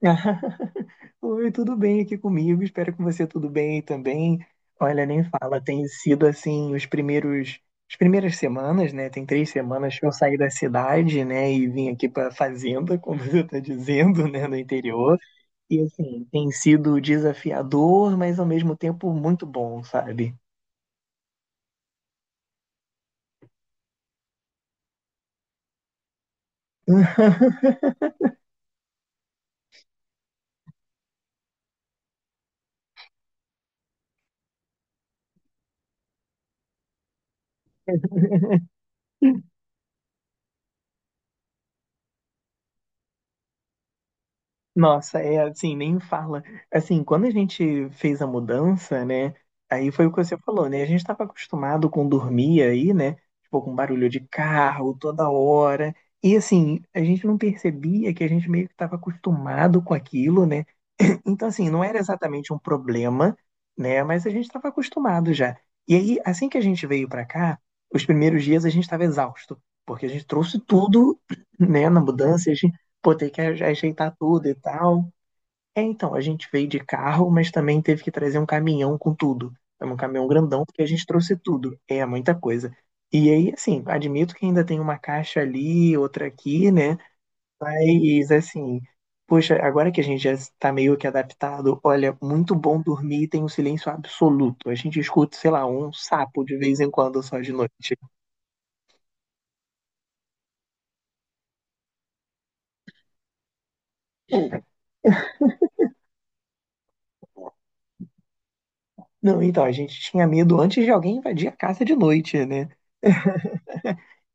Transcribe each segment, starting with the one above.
Oi, tudo bem aqui comigo? Espero que você tudo bem também. Olha, nem fala, tem sido assim as primeiras semanas, né? Tem 3 semanas que eu saí da cidade, né? E vim aqui para fazenda, como você está dizendo, né? No interior. E assim, tem sido desafiador, mas ao mesmo tempo muito bom, sabe? Nossa, é assim, nem fala. Assim, quando a gente fez a mudança, né? Aí foi o que você falou, né? A gente estava acostumado com dormir aí, né? Tipo, com barulho de carro toda hora. E assim, a gente não percebia que a gente meio que estava acostumado com aquilo, né? Então, assim, não era exatamente um problema, né? Mas a gente estava acostumado já. E aí, assim que a gente veio para cá, os primeiros dias a gente estava exausto, porque a gente trouxe tudo, né, na mudança pô, tem que ajeitar tudo e tal. É, então, a gente veio de carro, mas também teve que trazer um caminhão com tudo. É um caminhão grandão, porque a gente trouxe tudo. É muita coisa. E aí, assim, admito que ainda tem uma caixa ali, outra aqui, né? Mas, assim, poxa, agora que a gente já está meio que adaptado, olha, muito bom dormir, tem um silêncio absoluto. A gente escuta, sei lá, um sapo de vez em quando só de noite. Não, então, a gente tinha medo antes de alguém invadir a casa de noite, né?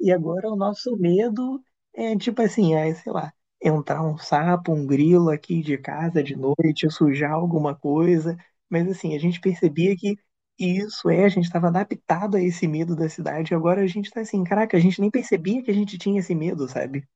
E agora o nosso medo é tipo assim, é, sei lá, entrar um sapo, um grilo aqui de casa de noite, sujar alguma coisa. Mas assim, a gente percebia que isso é, a gente estava adaptado a esse medo da cidade. E agora a gente tá assim, caraca, a gente nem percebia que a gente tinha esse medo, sabe?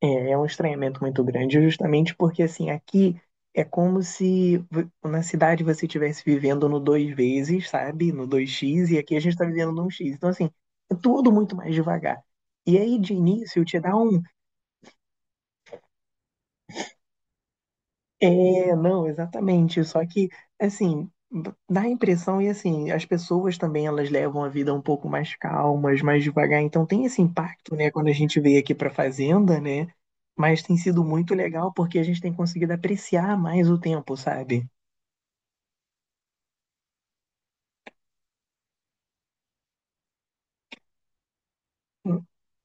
É, é um estranhamento muito grande, justamente porque assim, aqui é como se na cidade você estivesse vivendo no 2 vezes, sabe? No 2x e aqui a gente está vivendo no 1x. Então, assim, é tudo muito mais devagar. E aí, de início, te dá um. É, não, exatamente. Só que, assim, dá a impressão, e assim, as pessoas também elas levam a vida um pouco mais calmas, mais devagar. Então tem esse impacto, né, quando a gente veio aqui pra fazenda, né? Mas tem sido muito legal porque a gente tem conseguido apreciar mais o tempo, sabe?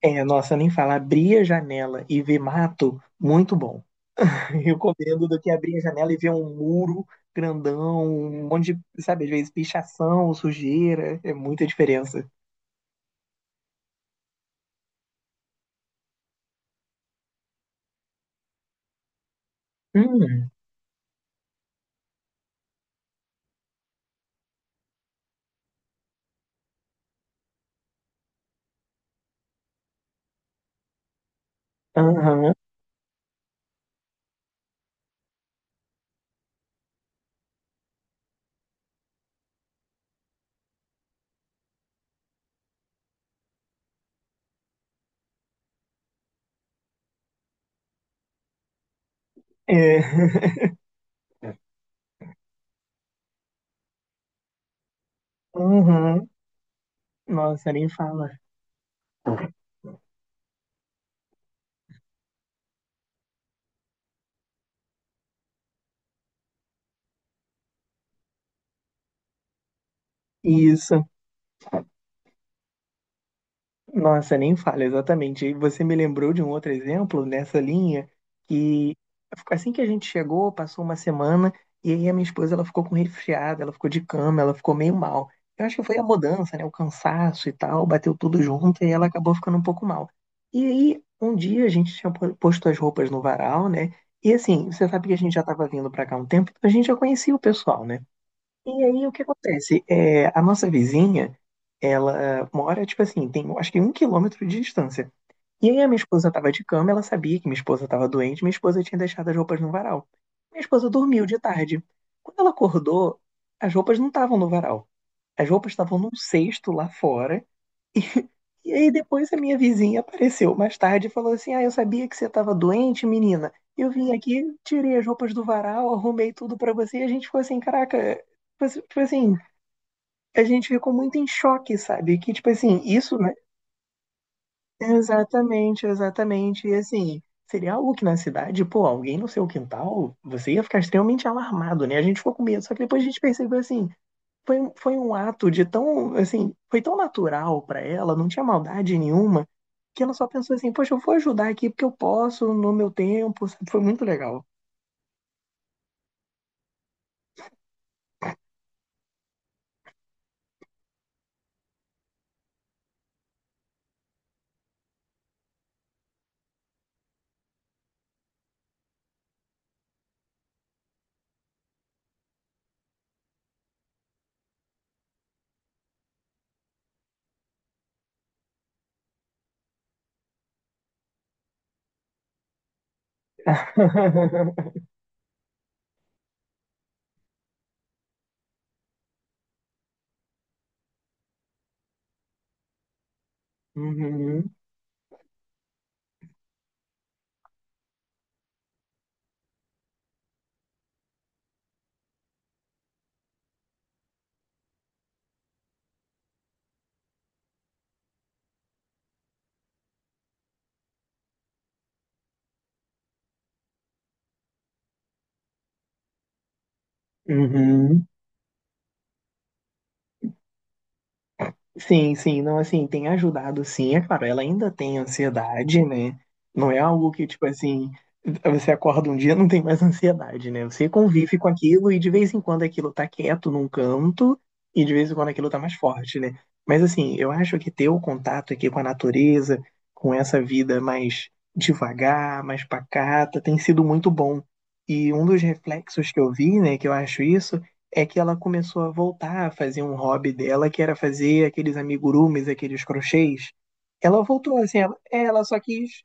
É, nossa, nem falar, abrir a janela e ver mato, muito bom. Recomendo do que abrir a janela e ver um muro grandão, um monte de, sabe, às vezes pichação, sujeira, é muita diferença. Aham. É. Uhum. Nossa, nem fala. Isso. Nossa, nem fala, exatamente. E você me lembrou de um outro exemplo nessa linha que assim que a gente chegou, passou uma semana e aí a minha esposa ela ficou com resfriada, ela ficou de cama, ela ficou meio mal. Eu acho que foi a mudança, né, o cansaço e tal, bateu tudo junto e ela acabou ficando um pouco mal. E aí um dia a gente tinha posto as roupas no varal, né? E assim, você sabe que a gente já estava vindo para cá há um tempo, a gente já conhecia o pessoal, né? E aí o que acontece? É, a nossa vizinha, ela mora, tipo assim, tem acho que 1 quilômetro de distância. E aí a minha esposa tava de cama, ela sabia que minha esposa tava doente, minha esposa tinha deixado as roupas no varal. Minha esposa dormiu de tarde. Quando ela acordou, as roupas não estavam no varal. As roupas estavam num cesto lá fora. E aí depois a minha vizinha apareceu mais tarde e falou assim: Ah, eu sabia que você tava doente, menina. Eu vim aqui, tirei as roupas do varal, arrumei tudo pra você. E a gente ficou assim: Caraca, foi assim, tipo assim, a gente ficou muito em choque, sabe? Que, tipo assim, isso, né? Exatamente, exatamente. E assim, seria algo que na cidade, pô, alguém no seu quintal, você ia ficar extremamente alarmado, né? A gente ficou com medo. Só que depois a gente percebeu assim, foi um ato de tão, assim, foi tão natural pra ela, não tinha maldade nenhuma, que ela só pensou assim, poxa, eu vou ajudar aqui porque eu posso, no meu tempo, sabe? Foi muito legal. Uhum, uhum. Sim, sim, não, assim, tem ajudado sim, é claro, ela ainda tem ansiedade, né? Não é algo que, tipo assim, você acorda um dia e não tem mais ansiedade, né? Você convive com aquilo e de vez em quando aquilo tá quieto num canto e de vez em quando aquilo tá mais forte, né? Mas assim, eu acho que ter o contato aqui com a natureza, com essa vida mais devagar, mais pacata, tem sido muito bom. E um dos reflexos que eu vi, né, que eu acho isso, é que ela começou a voltar a fazer um hobby dela, que era fazer aqueles amigurumis, aqueles crochês. Ela voltou assim, ela, é, ela só quis.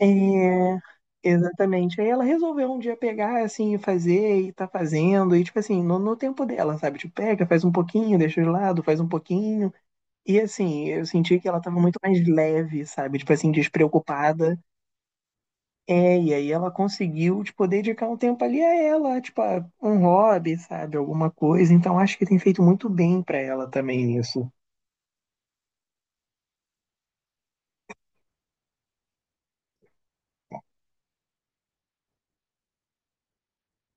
É, exatamente. Aí ela resolveu um dia pegar assim e fazer e tá fazendo, e tipo assim, no tempo dela, sabe? Tipo, pega, faz um pouquinho, deixa de lado, faz um pouquinho. E assim, eu senti que ela tava muito mais leve, sabe? Tipo assim, despreocupada é, e aí ela conseguiu, tipo, dedicar um tempo ali a ela, tipo, a um hobby, sabe, alguma coisa. Então acho que tem feito muito bem pra ela também isso.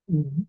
Uhum.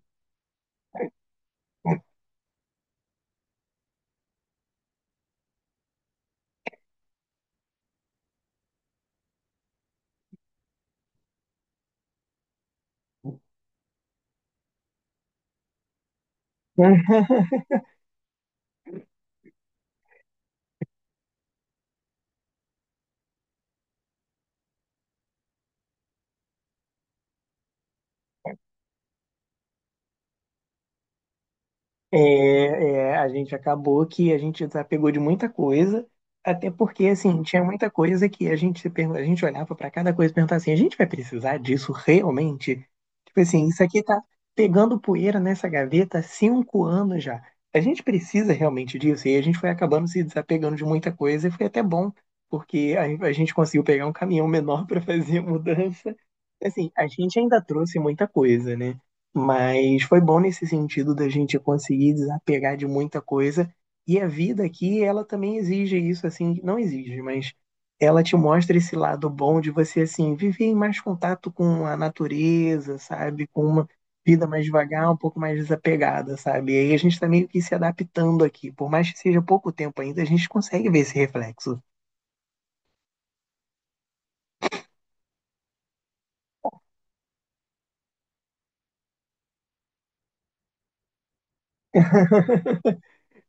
É, é, a gente acabou que a gente desapegou de muita coisa, até porque, assim, tinha muita coisa que a gente, se pergun- a gente olhava para cada coisa e perguntava assim, a gente vai precisar disso realmente? Tipo assim, isso aqui tá pegando poeira nessa gaveta há 5 anos já. A gente precisa realmente disso? E a gente foi acabando se desapegando de muita coisa e foi até bom, porque a gente conseguiu pegar um caminhão menor para fazer a mudança. Assim, a gente ainda trouxe muita coisa, né? Mas foi bom nesse sentido da gente conseguir desapegar de muita coisa. E a vida aqui, ela também exige isso, assim, não exige, mas ela te mostra esse lado bom de você, assim, viver em mais contato com a natureza, sabe? Com uma vida mais devagar, um pouco mais desapegada, sabe? E aí a gente está meio que se adaptando aqui. Por mais que seja pouco tempo ainda, a gente consegue ver esse reflexo.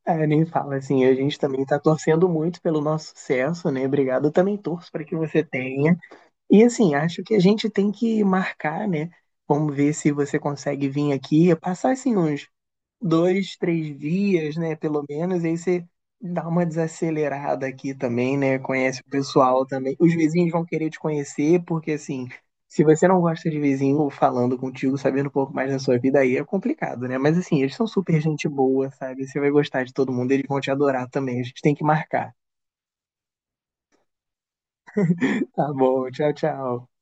É, nem fala assim, a gente também está torcendo muito pelo nosso sucesso, né? Obrigado, eu também torço para que você tenha. E assim, acho que a gente tem que marcar, né? Vamos ver se você consegue vir aqui, passar assim uns 2, 3 dias, né? Pelo menos, aí você dá uma desacelerada aqui também, né? Conhece o pessoal também. Os vizinhos vão querer te conhecer, porque assim, se você não gosta de vizinho falando contigo, sabendo um pouco mais da sua vida, aí é complicado, né? Mas assim, eles são super gente boa, sabe? Você vai gostar de todo mundo, eles vão te adorar também. A gente tem que marcar. Tá bom, tchau, tchau.